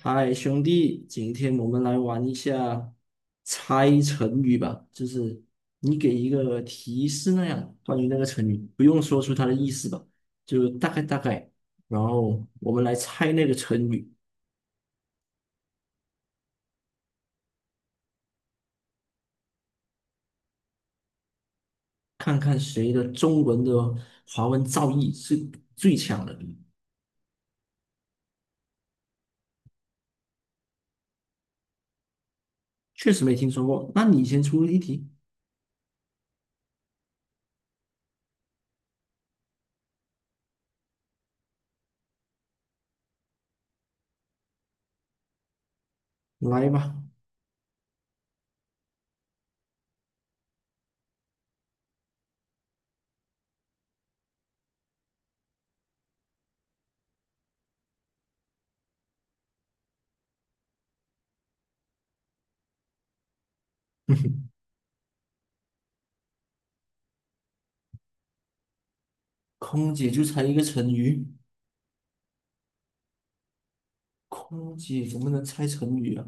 嗨，兄弟，今天我们来玩一下猜成语吧，就是你给一个提示那样，关于那个成语，不用说出它的意思吧，就大概大概，然后我们来猜那个成语，看看谁的中文的华文造诣是最强的。确实没听说过，那你先出一题，来吧。空姐就猜一个成语，空姐怎么能猜成语啊？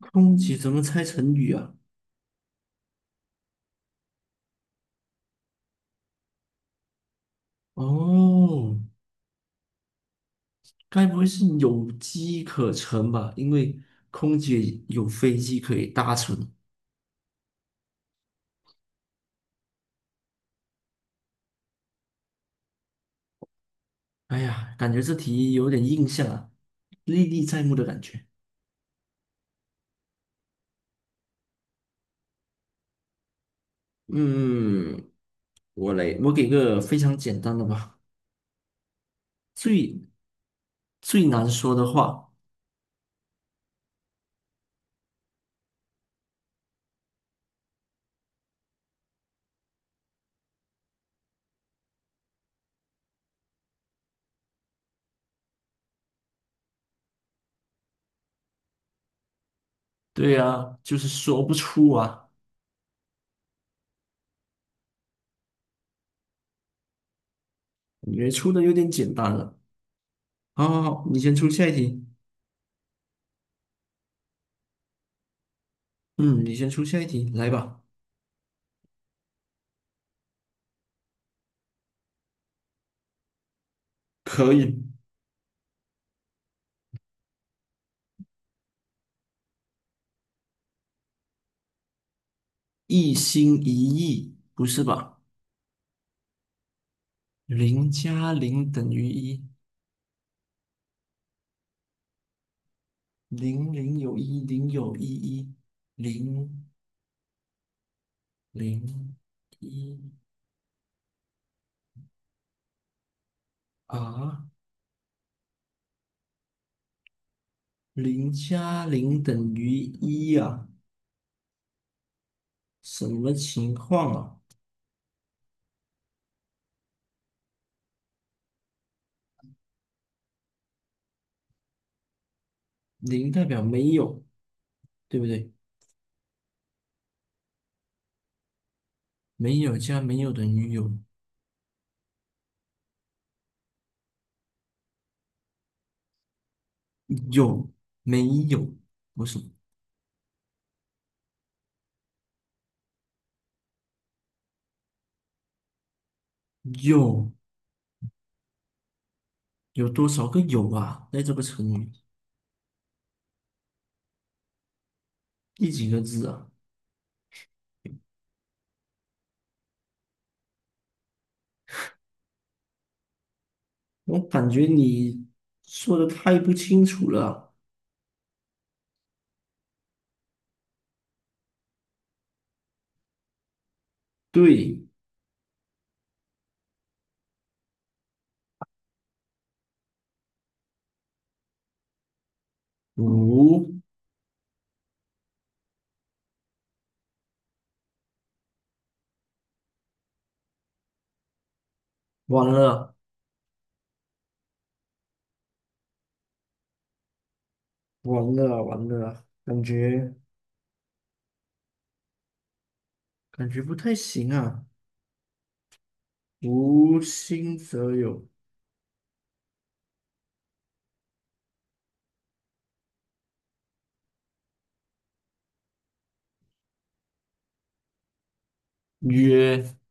空姐怎么猜成语啊？哦，该不会是有机可乘吧？因为空姐有飞机可以搭乘。哎呀，感觉这题有点印象啊，历历在目的感觉。嗯，我来，我给个非常简单的吧，最最难说的话，对啊，就是说不出啊，感觉出的有点简单了。好好好，你先出下一题。嗯，你先出下一题，来吧。可以，一心一意，不是吧？零加零等于一，零零有一，零有一一，零零一啊，零加零等于一啊，什么情况啊？零代表没有，对不对？没有加没有等于有，有没有？不是有有多少个有啊？在这个成语第几个字啊？我感觉你说的太不清楚了。对，五，完了，完了，完了，感觉不太行啊。无心则有，曰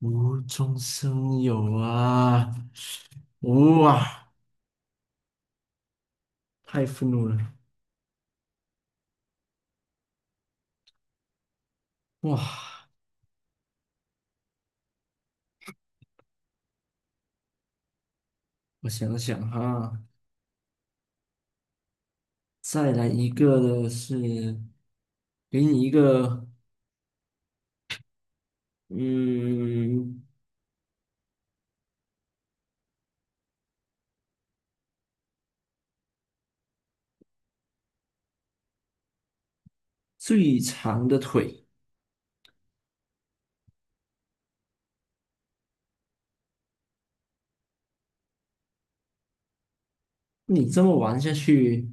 无中生有啊！哇，太愤怒了！哇，我想想哈，再来一个的是，给你一个，嗯，最长的腿。你这么玩下去，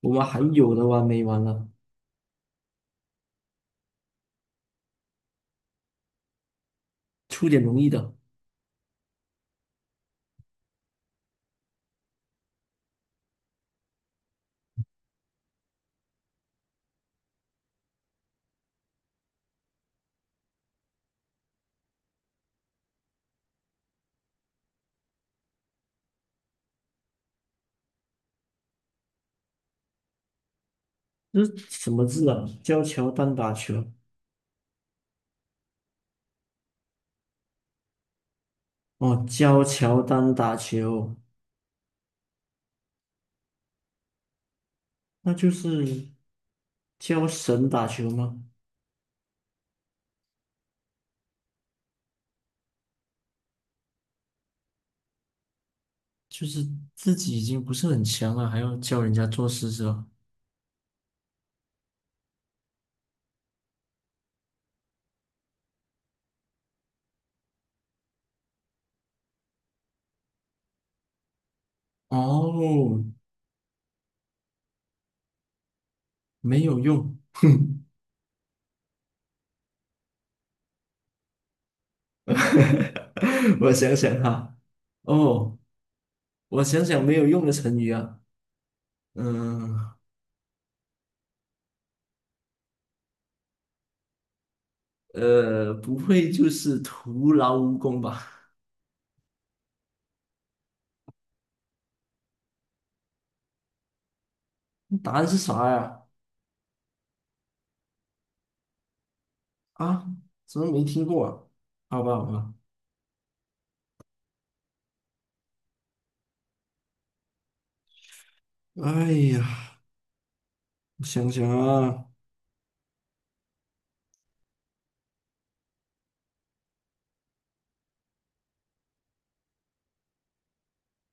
我们还有的玩没完了？出点容易的。这是什么字啊？教乔丹打球哦，教乔丹打球，那就是教神打球吗？就是自己已经不是很强了，还要教人家做事是吧？哦，没有用，哼，我想想哈，哦，我想想没有用的成语啊，嗯，不会就是徒劳无功吧？答案是啥呀？啊，怎么没听过啊？好吧，好吧。哎呀，我想想啊，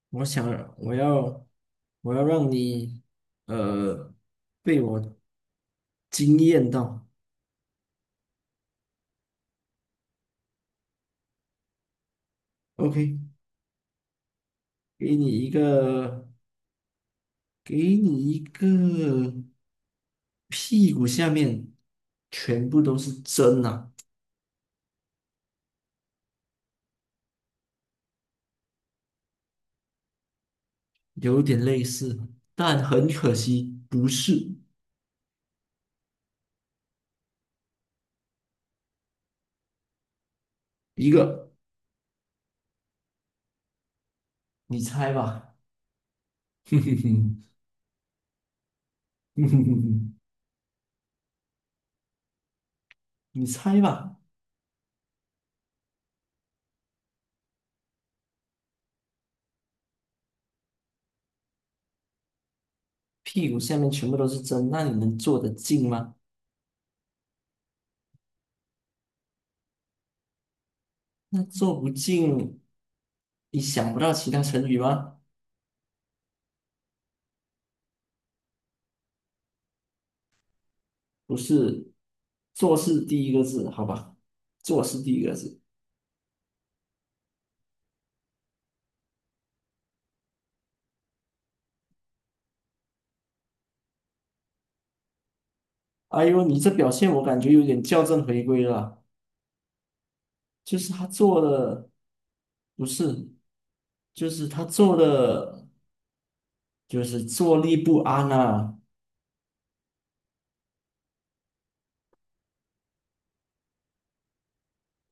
我想我要让你呃被我惊艳到。OK，给你一个给你一个屁股下面全部都是针啊，有点类似，但很可惜不是一个。你猜吧，哼哼哼，哼哼哼哼，你猜吧，屁股下面全部都是针，那你能坐得进吗？那坐不进，你想不到其他成语吗？不是，做事第一个字，好吧？做事第一个字。哎呦，你这表现我感觉有点校正回归了，就是他做的不是，就是他做的就是坐立不安啊，